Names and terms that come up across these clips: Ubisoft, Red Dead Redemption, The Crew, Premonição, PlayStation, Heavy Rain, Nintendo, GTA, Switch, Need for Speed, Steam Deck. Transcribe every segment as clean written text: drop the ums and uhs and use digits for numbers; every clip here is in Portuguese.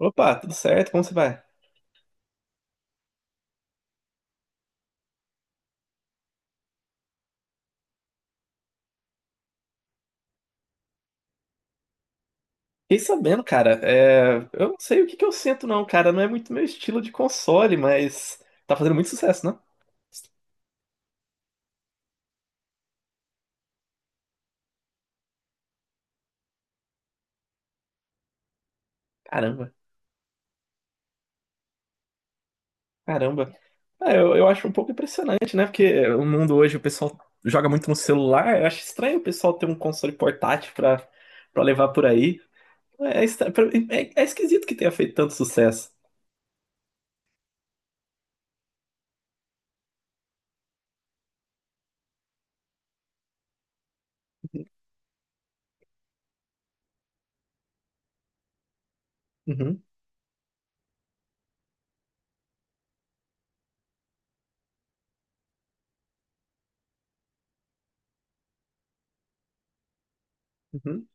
Opa, tudo certo? Como você vai? Fiquei sabendo, cara. Eu não sei o que que eu sinto, não, cara. Não é muito meu estilo de console, mas tá fazendo muito sucesso, né? Caramba, caramba. Ah, eu acho um pouco impressionante, né? Porque o mundo hoje, o pessoal joga muito no celular. Eu acho estranho o pessoal ter um console portátil pra levar por aí. É, é estra- pra- é esquisito que tenha feito tanto sucesso. Uhum, uhum.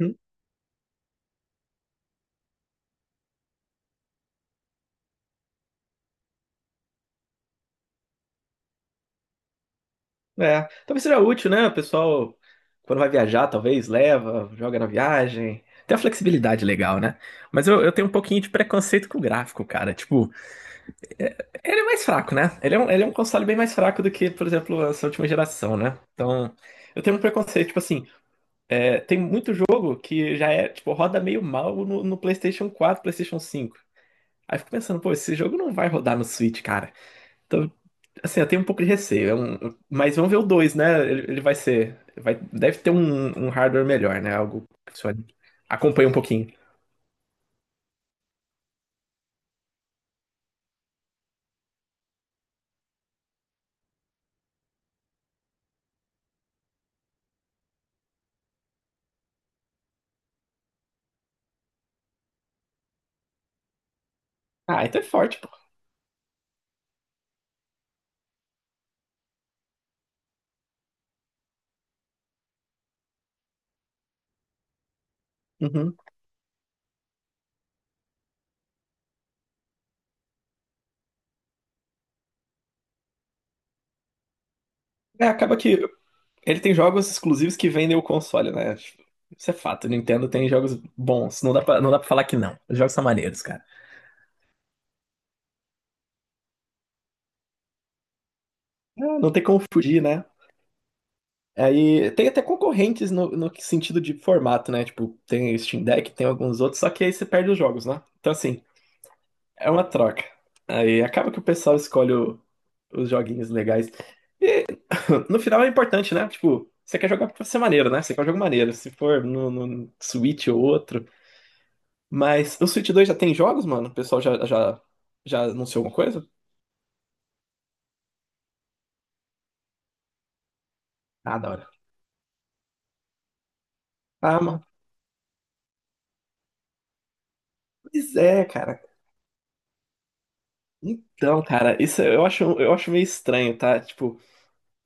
Uhum. É, talvez seja útil, né? O pessoal, quando vai viajar, talvez leva, joga na viagem. Tem a flexibilidade legal, né? Mas eu tenho um pouquinho de preconceito com o gráfico, cara. Tipo, ele é mais fraco, né? Ele é um console bem mais fraco do que, por exemplo, essa última geração, né? Então, eu tenho um preconceito. Tipo assim, tem muito jogo que já é, tipo, roda meio mal no PlayStation 4, PlayStation 5. Aí eu fico pensando, pô, esse jogo não vai rodar no Switch, cara. Então, assim, eu tenho um pouco de receio. Mas vamos ver o dois, né? Ele vai ser. Deve ter um hardware melhor, né? Algo que só acompanha um pouquinho. Ah, então é forte, pô. Uhum. É, acaba que ele tem jogos exclusivos que vendem o console, né? Tipo, isso é fato. O Nintendo tem jogos bons. Não dá pra falar que não. Os jogos são maneiros, cara. Ah, não tem como fugir, né? Aí tem até concorrentes no sentido de formato, né? Tipo, tem o Steam Deck, tem alguns outros, só que aí você perde os jogos, né? Então, assim. É uma troca. Aí acaba que o pessoal escolhe os joguinhos legais. No final é importante, né? Tipo, você quer jogar pra ser maneiro, né? Você quer um jogo maneiro. Se for no Switch ou outro. Mas o Switch 2 já tem jogos, mano? O pessoal já anunciou alguma coisa? Ah, da hora. Ah, mano. Pois é, cara. Então, cara, isso eu acho meio estranho, tá? Tipo,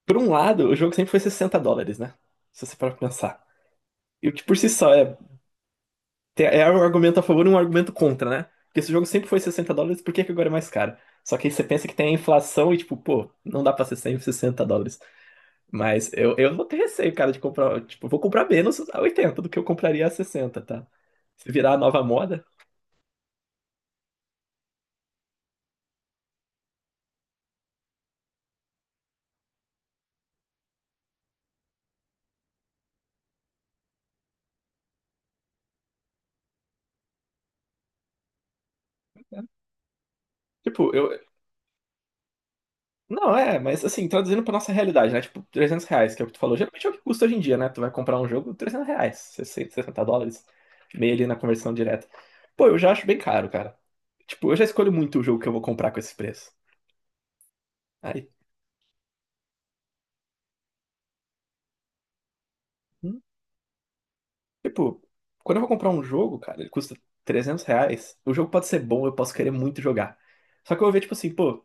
por um lado, o jogo sempre foi US$ 60, né? Se você parar pra pensar. E o que por si só é. É um argumento a favor e um argumento contra, né? Porque esse jogo sempre foi US$ 60, por que que agora é mais caro? Só que aí você pensa que tem a inflação e, tipo, pô, não dá pra ser 100, US$ 60. Mas eu vou ter receio, cara, de comprar. Tipo, eu vou comprar menos a 80 do que eu compraria a 60, tá? Se virar a nova moda, né? Tipo, eu, Não, mas assim, traduzindo pra nossa realidade, né? Tipo, R$ 300, que é o que tu falou. Geralmente é o que custa hoje em dia, né? Tu vai comprar um jogo, R$ 300, sessenta, US$ 60, meio ali na conversão direta. Pô, eu já acho bem caro, cara. Tipo, eu já escolho muito o jogo que eu vou comprar com esse preço. Aí, hum, tipo, quando eu vou comprar um jogo, cara, ele custa R$ 300. O jogo pode ser bom, eu posso querer muito jogar. Só que eu vou ver, tipo assim, pô,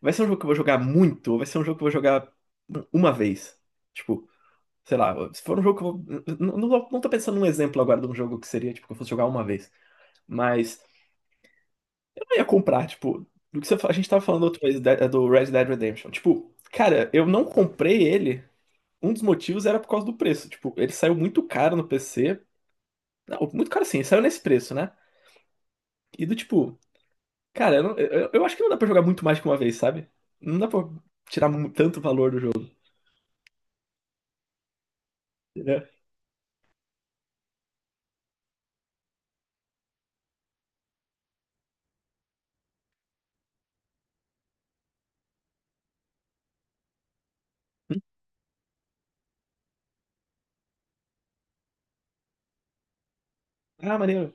vai ser um jogo que eu vou jogar muito ou vai ser um jogo que eu vou jogar uma vez? Tipo, sei lá, se for um jogo que eu vou. Não, não, não tô pensando num exemplo agora de um jogo que seria, tipo, que eu fosse jogar uma vez. Mas eu não ia comprar, tipo, do que você, a gente tava falando outra vez do Red Dead Redemption. Tipo, cara, eu não comprei ele. Um dos motivos era por causa do preço. Tipo, ele saiu muito caro no PC. Não, muito caro assim, ele saiu nesse preço, né? E do tipo, cara, eu acho que não dá pra jogar muito mais que uma vez, sabe? Não dá pra tirar tanto valor do jogo, entendeu? Ah, maneiro.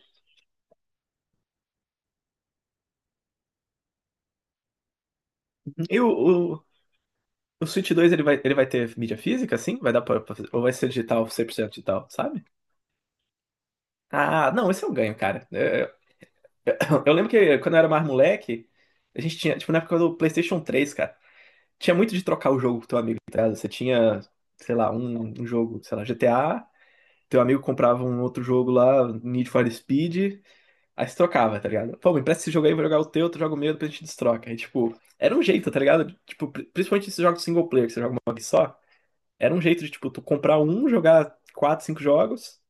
Eu, O Switch 2 ele vai, ter mídia física, assim? Vai dar pra ou vai ser digital, 100% digital, sabe? Ah, não, esse é um ganho, cara. É, eu lembro que quando eu era mais moleque, a gente tinha, tipo, na época do PlayStation 3, cara, tinha muito de trocar o jogo com teu amigo, tá ligado? Você tinha, sei lá, um jogo, sei lá, GTA, teu amigo comprava um outro jogo lá, Need for Speed, aí se trocava, tá ligado? Pô, me empresta esse jogo aí, vou jogar o teu, tu joga o meu, depois a gente destroca. Aí, tipo, era um jeito, tá ligado? Tipo, principalmente esses jogos single player, que você joga uma vez só. Era um jeito de, tipo, tu comprar um, jogar quatro, cinco jogos,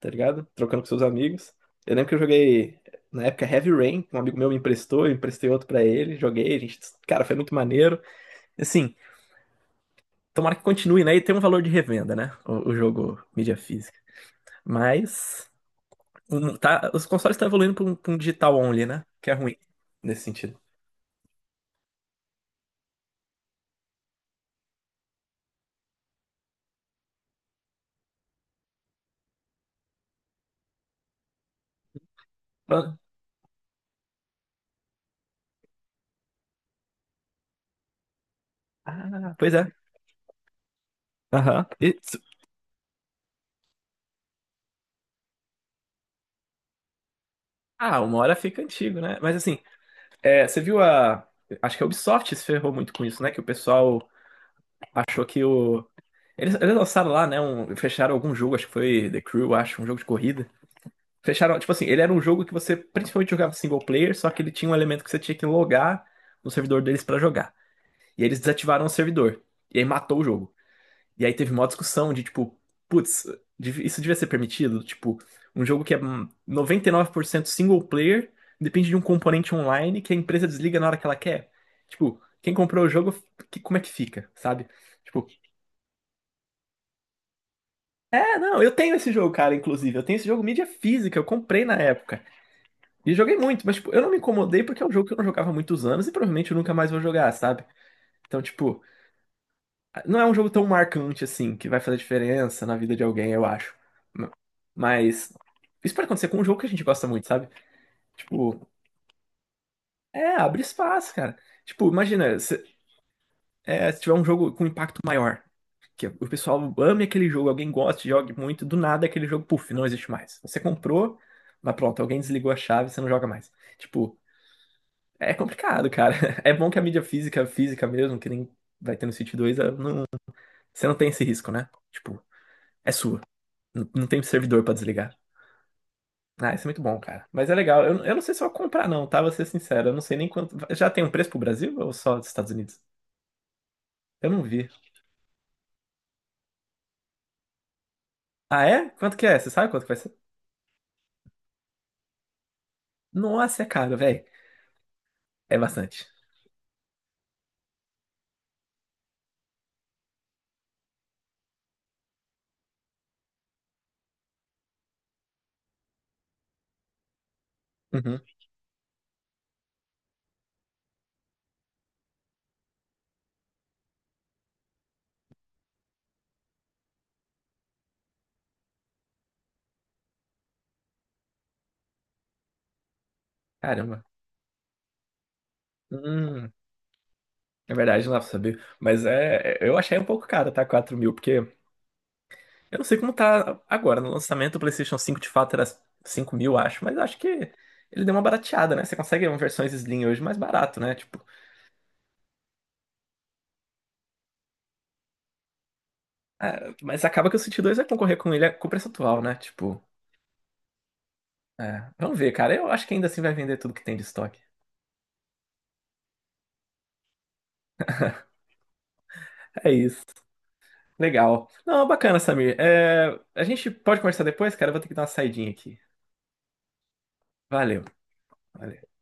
tá ligado? Trocando com seus amigos. Eu lembro que eu joguei, na época, Heavy Rain, que um amigo meu me emprestou, eu emprestei outro pra ele, joguei, a gente, cara, foi muito maneiro. Assim, tomara que continue, né? E tem um valor de revenda, né? O jogo mídia física. Mas, tá, os consoles estão evoluindo pra um digital only, né? Que é ruim, nesse sentido. Ah, pois é. Aham. Ah, uma hora fica antigo, né? Mas assim, você viu a. Acho que a Ubisoft se ferrou muito com isso, né? Que o pessoal achou que o. Eles lançaram lá, né? Fecharam algum jogo, acho que foi The Crew, acho, um jogo de corrida. Fecharam, tipo assim, ele era um jogo que você principalmente jogava single player, só que ele tinha um elemento que você tinha que logar no servidor deles pra jogar. E aí eles desativaram o servidor. E aí matou o jogo. E aí teve uma discussão de tipo, putz, isso devia ser permitido? Tipo, um jogo que é 99% single player depende de um componente online que a empresa desliga na hora que ela quer. Tipo, quem comprou o jogo, como é que fica, sabe? Tipo, não, eu tenho esse jogo, cara, inclusive. Eu tenho esse jogo mídia física, eu comprei na época. E joguei muito, mas tipo, eu não me incomodei porque é um jogo que eu não jogava há muitos anos e provavelmente eu nunca mais vou jogar, sabe? Então, tipo, não é um jogo tão marcante assim, que vai fazer diferença na vida de alguém, eu acho. Mas isso pode acontecer com um jogo que a gente gosta muito, sabe? Tipo, abre espaço, cara. Tipo, imagina, se tiver um jogo com impacto maior, que o pessoal ame aquele jogo, alguém goste, jogue muito, do nada aquele jogo, puf, não existe mais. Você comprou, mas pronto, alguém desligou a chave, você não joga mais. Tipo, é complicado, cara. É bom que a mídia física, física mesmo, que nem vai ter no City 2, ela não, você não tem esse risco, né? Tipo, é sua. Não tem servidor pra desligar. Ah, isso é muito bom, cara. Mas é legal. Eu não sei se eu vou comprar, não, tá? Vou ser sincero. Eu não sei nem quanto. Já tem um preço pro Brasil ou só dos Estados Unidos? Eu não vi. Ah, é? Quanto que é? Você sabe quanto que vai ser? Nossa, é caro, velho. É bastante. Uhum. Caramba. Hum, é verdade, não dá pra saber. Mas eu achei um pouco caro, tá? 4.000, porque eu não sei como tá agora. No lançamento, o PlayStation 5, de fato era 5.000, acho. Mas acho que ele deu uma barateada, né? Você consegue versões Slim hoje mais barato, né? Tipo, mas acaba que o City 2 vai concorrer com ele com preço atual, né? Tipo, vamos ver, cara. Eu acho que ainda assim vai vender tudo que tem de estoque. É isso. Legal. Não, bacana, Samir. A gente pode conversar depois, cara. Eu vou ter que dar uma saidinha aqui. Valeu. Valeu.